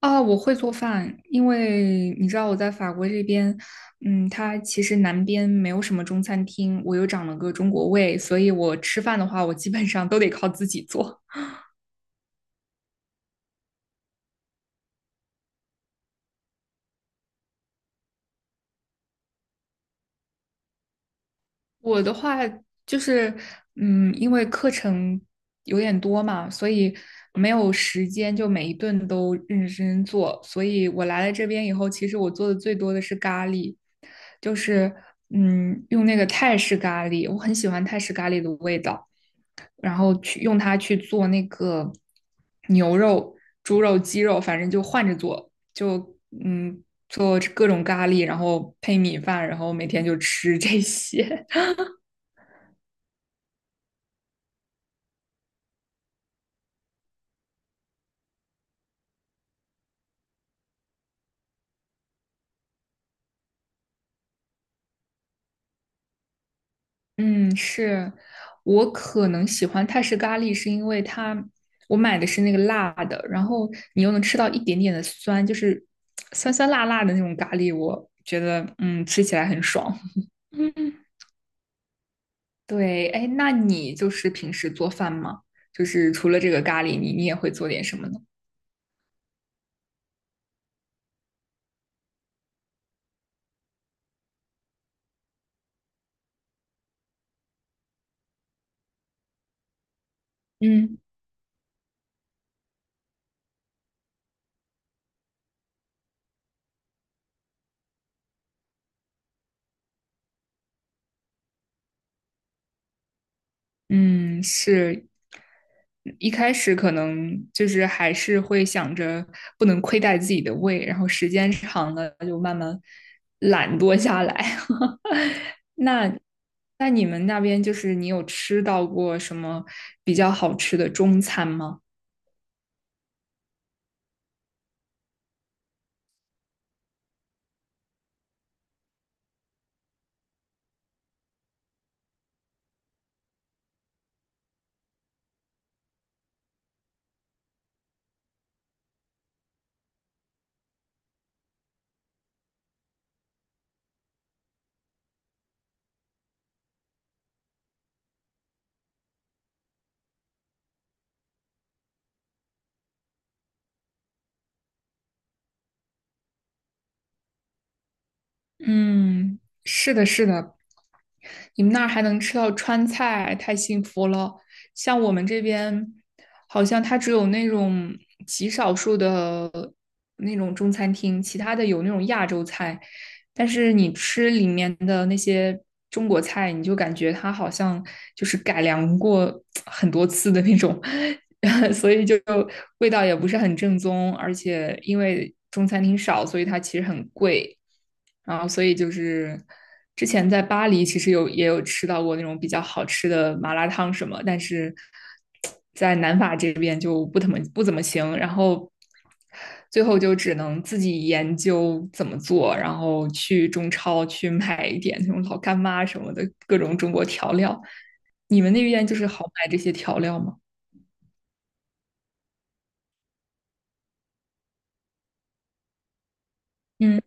啊，我会做饭，因为你知道我在法国这边，它其实南边没有什么中餐厅，我又长了个中国胃，所以我吃饭的话，我基本上都得靠自己做。我的话就是，因为课程有点多嘛，所以没有时间就每一顿都认认真真做，所以我来了这边以后，其实我做的最多的是咖喱，就是用那个泰式咖喱，我很喜欢泰式咖喱的味道。然后去用它去做那个牛肉、猪肉、鸡肉，反正就换着做，就嗯做各种咖喱，然后配米饭，然后每天就吃这些。嗯，是我可能喜欢泰式咖喱，是因为它我买的是那个辣的，然后你又能吃到一点点的酸，就是酸酸辣辣的那种咖喱，我觉得吃起来很爽。嗯对，哎，那你就是平时做饭吗？就是除了这个咖喱，你也会做点什么呢？嗯嗯，是，一开始可能就是还是会想着不能亏待自己的胃，然后时间长了就慢慢懒惰下来。那那你们那边就是你有吃到过什么比较好吃的中餐吗？嗯，是的，是的，你们那儿还能吃到川菜，太幸福了。像我们这边，好像它只有那种极少数的那种中餐厅，其他的有那种亚洲菜，但是你吃里面的那些中国菜，你就感觉它好像就是改良过 很多次的那种，所以就味道也不是很正宗，而且因为中餐厅少，所以它其实很贵。然后所以就是之前在巴黎其实有也有吃到过那种比较好吃的麻辣烫什么，但是在南法这边就不怎么行，然后最后就只能自己研究怎么做，然后去中超去买一点那种老干妈什么的各种中国调料。你们那边就是好买这些调料吗？嗯。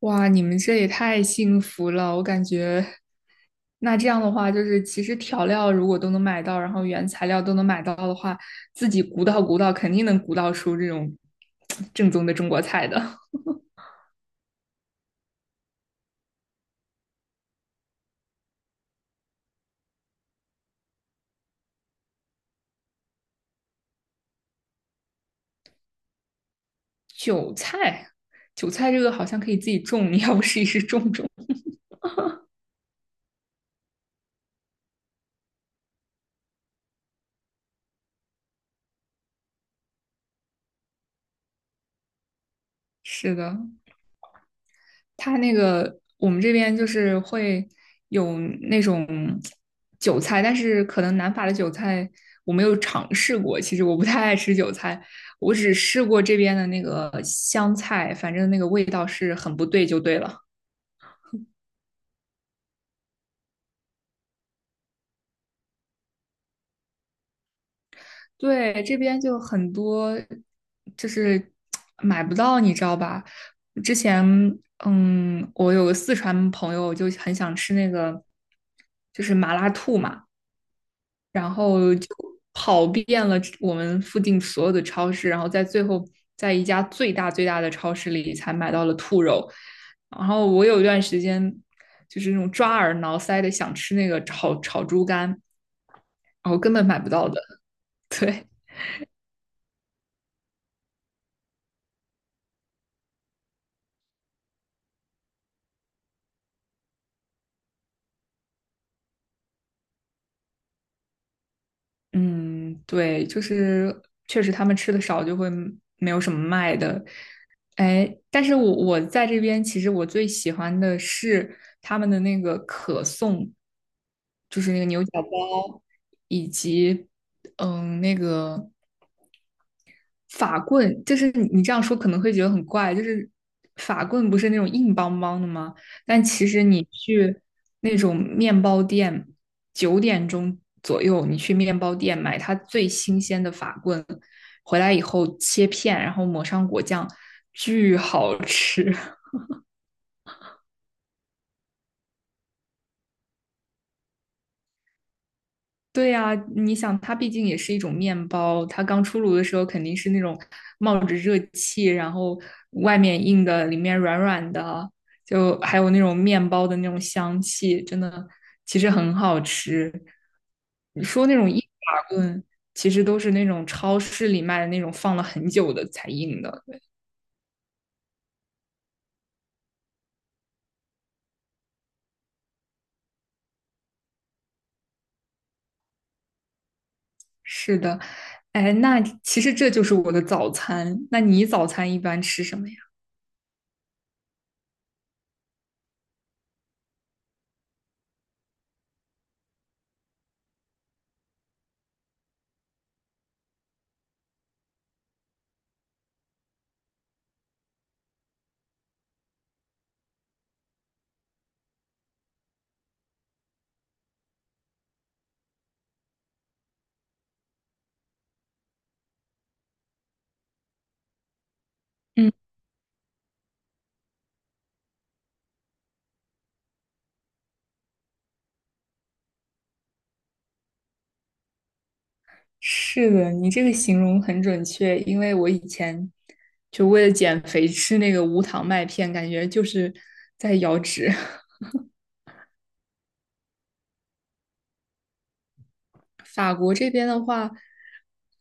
哇，你们这也太幸福了，我感觉。那这样的话，就是其实调料如果都能买到，然后原材料都能买到的话，自己鼓捣鼓捣，肯定能鼓捣出这种正宗的中国菜的。韭菜，韭菜这个好像可以自己种，你要不试一试种种？是的，它那个我们这边就是会有那种韭菜，但是可能南法的韭菜我没有尝试过。其实我不太爱吃韭菜，我只试过这边的那个香菜，反正那个味道是很不对，就对了。对，这边就很多就是买不到，你知道吧？之前我有个四川朋友就很想吃那个就是麻辣兔嘛。然后就跑遍了我们附近所有的超市，然后在最后在一家最大最大的超市里才买到了兔肉。然后我有一段时间就是那种抓耳挠腮的想吃那个炒炒猪肝，然后根本买不到的。对，嗯，对，就是确实他们吃的少，就会没有什么卖的。哎，但是我在这边，其实我最喜欢的是他们的那个可颂，就是那个牛角包，嗯，那个法棍，就是你这样说可能会觉得很怪，就是法棍不是那种硬邦邦的吗？但其实你去那种面包店，九点钟左右你去面包店买它最新鲜的法棍，回来以后切片，然后抹上果酱，巨好吃。对呀，你想，它毕竟也是一种面包，它刚出炉的时候肯定是那种冒着热气，然后外面硬的，里面软软的，就还有那种面包的那种香气，真的其实很好吃。你说那种硬法棍，其实都是那种超市里卖的那种放了很久的才硬的。是的，哎，那其实这就是我的早餐。那你早餐一般吃什么呀？嗯。是的，你这个形容很准确，因为我以前就为了减肥吃那个无糖麦片，感觉就是在摇指。法国这边的话，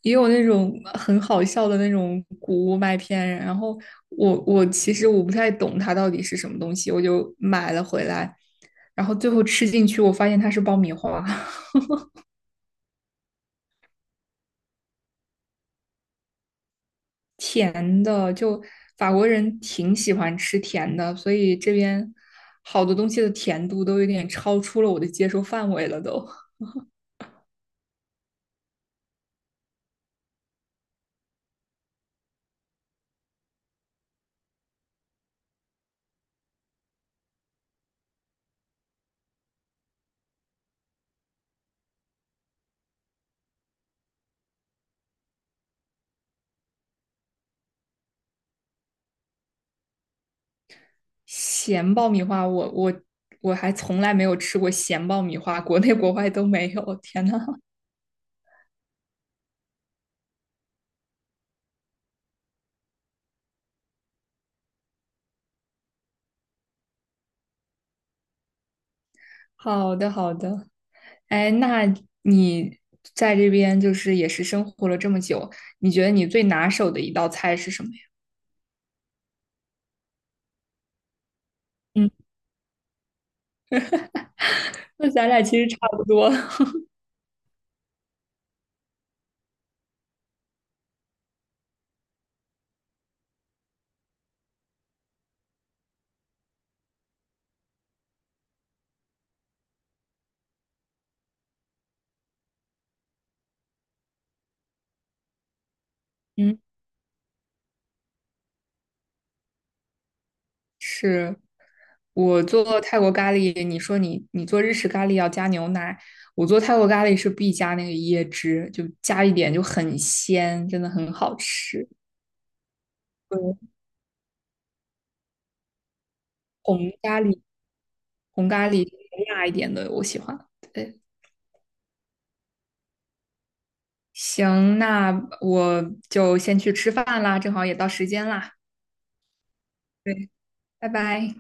也有那种很好笑的那种谷物麦片，然后我其实我不太懂它到底是什么东西，我就买了回来，然后最后吃进去，我发现它是爆米花。甜的，就法国人挺喜欢吃甜的，所以这边好多东西的甜度都有点超出了我的接受范围了都。咸爆米花，我我还从来没有吃过咸爆米花，国内国外都没有。天呐，好的好的，哎，那你在这边就是也是生活了这么久，你觉得你最拿手的一道菜是什么呀？嗯，那咱俩其实差不多。嗯。是我做泰国咖喱，你说你做日式咖喱要加牛奶，我做泰国咖喱是必加那个椰汁，就加一点就很鲜，真的很好吃。对，红咖喱，红咖喱辣一点的我喜欢。对，行，那我就先去吃饭啦，正好也到时间啦。对，拜拜。